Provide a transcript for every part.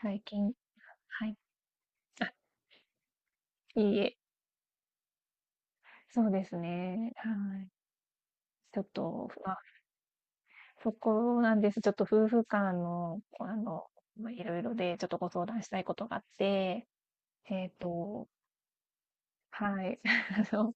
最近、はい。あ、いいえ。そうですね。はい。ちょっと、まあ、そこなんです。ちょっと夫婦間の、あの、まあ、いろいろで、ちょっとご相談したいことがあって、えっと、はい。あの、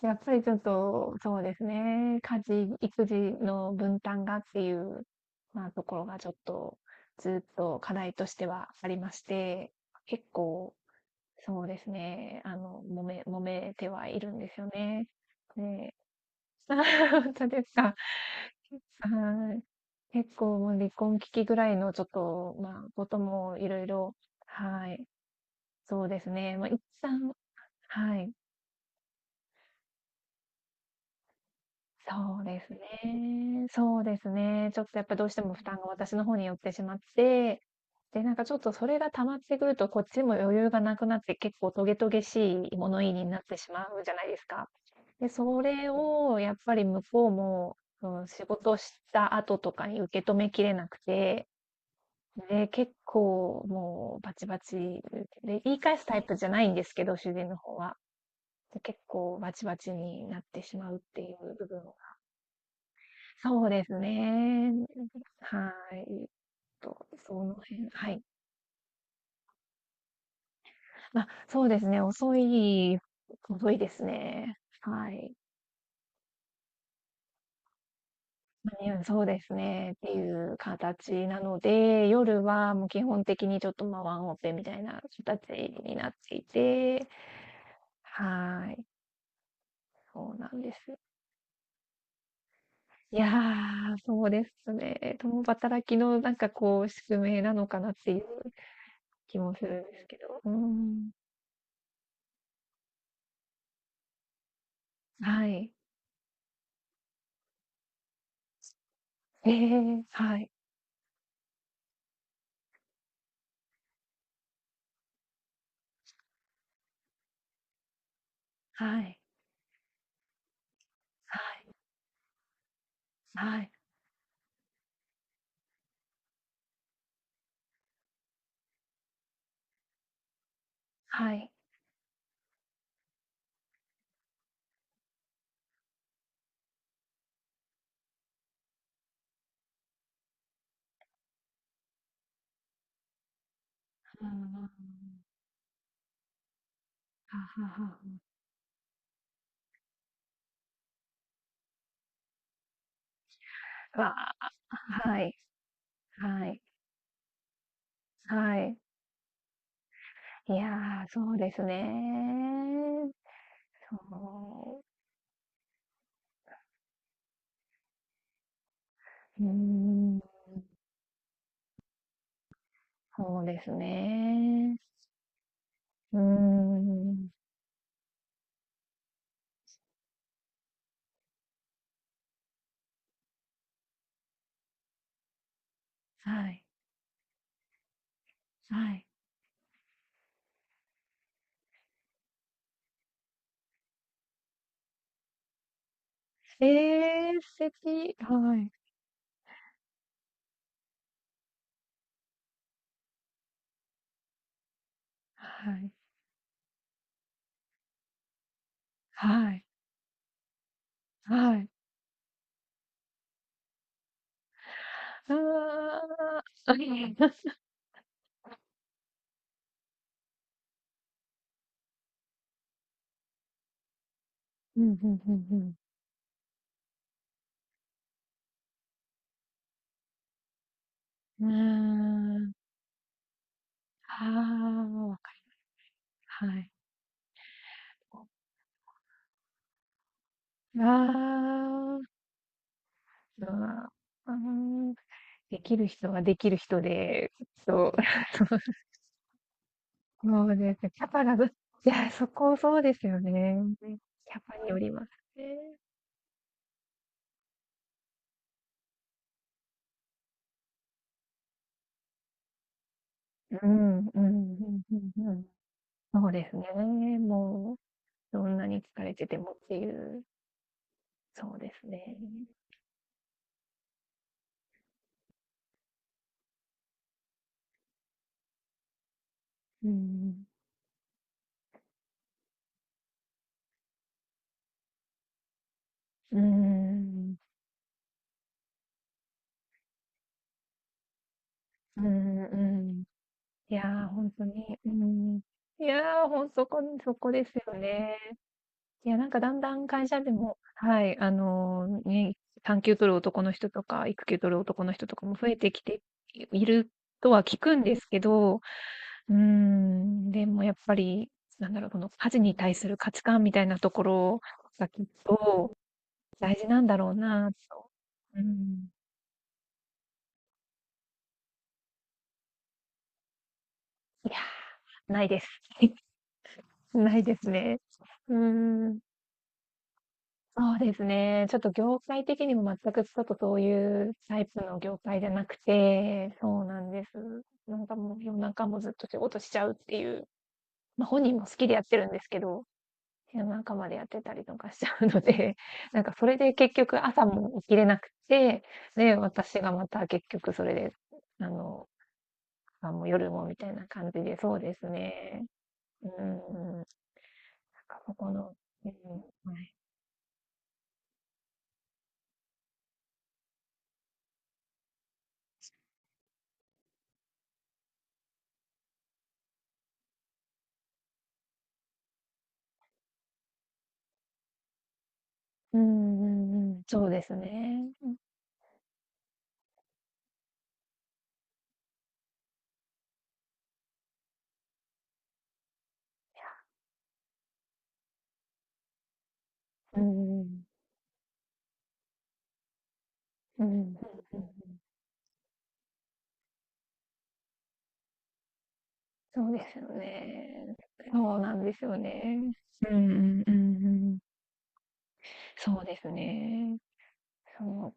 やっぱりちょっと、そうですね。家事、育児の分担がっていう、まあ、ところがちょっと、ずっと課題としてはありまして、結構、そうですね。揉めてはいるんですよね。で、 本当ですか。はい。結構もう離婚危機ぐらいのちょっと、まあ、こともいろいろ。はい、そうですね。まあ、一旦。はい。そうですね。そうですね。ちょっとやっぱどうしても負担が私の方に寄ってしまって、で、なんかちょっとそれが溜まってくると、こっちも余裕がなくなって、結構トゲトゲしい物言いになってしまうじゃないですか。で、それをやっぱり向こうも、うん、仕事した後とかに受け止めきれなくて、で、結構もうバチバチで、言い返すタイプじゃないんですけど、主人の方は。で、結構バチバチになってしまうっていう部分を。そうですね。はい。と、その辺、はい。ま、そうですね、遅いですね。はい。間に合うそうですね、っていう形なので、夜はもう基本的にちょっと、ま、ワンオペみたいな形になっていて、はい、そうなんです。いやー、そうですね。共働きのなんかこう、宿命なのかなっていう気もするんですけど。うん。はい。ええ、はい。はい、はい、はい、はい。うんうんうん、はあはあはあ。わあ、はい、はい、はい。いや、そうですね。そう。うーん。そうですね。うーん。はい、はい。ええ、素敵。はい、はい、はい、はい。ああ。うん、ふんふんふん。うーん。ああ、はい。ああ、まあー、あ、できる人はできる人で、そう、そうですね。キャパがぐ、 いや、そこそうですよね。キャパによりますね。うん、うん、うん、うん、うん。そうですね。もう、どんなに疲れててもっていう、そうですね。うん、うん、うん、うん。いやー、ほんとに、うん。いやー、ほんそこそこですよね。いや、なんかだんだん会社でも、はい、ね、産休取る男の人とか、育休取る男の人とかも増えてきているとは聞くんですけど、うーん、でもやっぱり、なんだろう、この家事に対する価値観みたいなところがきっと大事なんだろうなと。うん。いや、ないです。ないですね。うーん。そうですね。ちょっと業界的にも全くちょっとそういうタイプの業界じゃなくて、そうなんです。なんかもう夜中もずっと仕事しちゃうっていう、ま、本人も好きでやってるんですけど、夜中までやってたりとかしちゃうので、なんかそれで結局朝も起きれなくて、で、私がまた結局それで、あの、朝もう夜もみたいな感じで、そうですね。うん、なんかそこの、うん、はい。うんうんうん、そうですね。うん、うん、うんうん。そうですよね。そうなんですよね。うんうんうんうん。そうですね。その、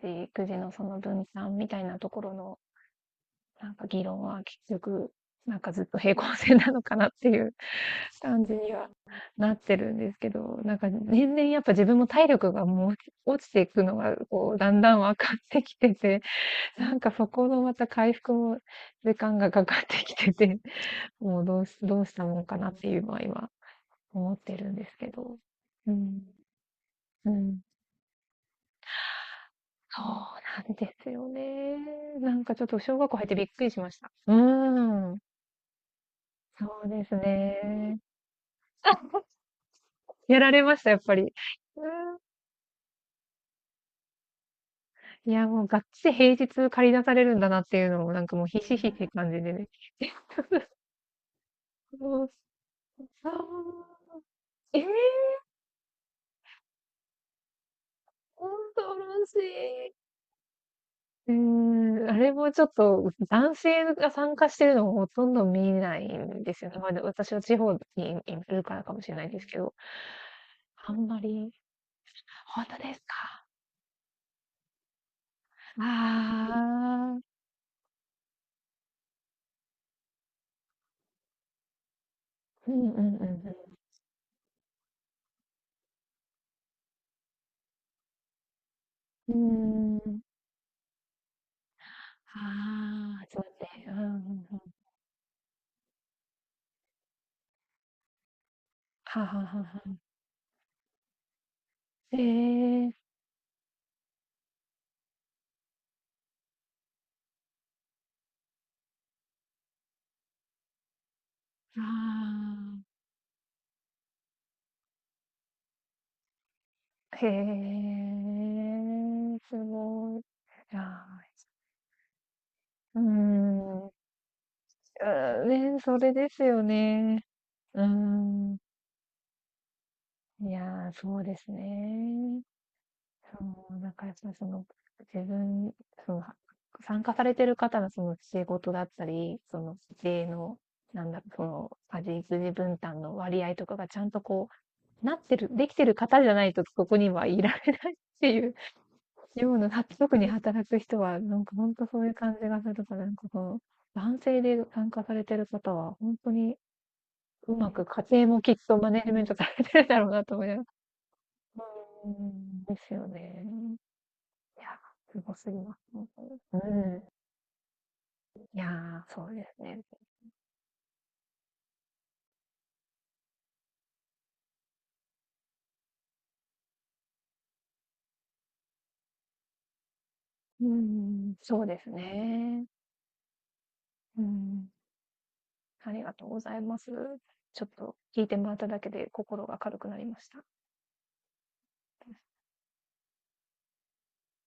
家事育児のその分担みたいなところの、なんか議論は結局、なんかずっと平行線なのかなっていう感じにはなってるんですけど、なんか年々やっぱ自分も体力がもう落ちていくのがこうだんだん分かってきてて、なんかそこのまた回復も時間がかかってきてて、もうどうしたもんかなっていうのは今思ってるんですけど。うん。うん。そうなんですよね。なんかちょっと小学校入ってびっくりしました。うーん。そうですね。やられました、やっぱり。うん。いや、もうがっつり平日駆り出されるんだなっていうのをなんかもうひしひしって感じでね。そう、そう。ええ、恐ろしい。うーん、あれもちょっと、男性が参加してるのをほとんど見ないんですよね。まあ、で、私は地方にいるからかもしれないですけど、あんまり。本当ですか。ああ。うんうんうんうん。うーん。ああ、集まって。うんうんうん。はあはあはあはあ。ええ。ああ。へえ、すごい。いやー、うーん、あーね、それですよね。うーん。いやー、そうですね。そう、なんからやっぱりその、自分、その、は参加されてる方のその仕事だったり、その家庭の、なんだろ、その、家事育児分担の割合とかがちゃんとこう、なってるできてる方じゃないとそこにはいられないっていうような、は特に働く人は、なんかほんとそういう感じがするから、なんかこの、男性で参加されてる方はほんとにうまく家庭もきっとマネジメントされてるだろうなと思います。うーん、ですよね。いや、すごすぎます、本当に。うん。いや、そうですね。うーん、そうですね。うん、ありがとうございます。ちょっと聞いてもらっただけで心が軽くなりました。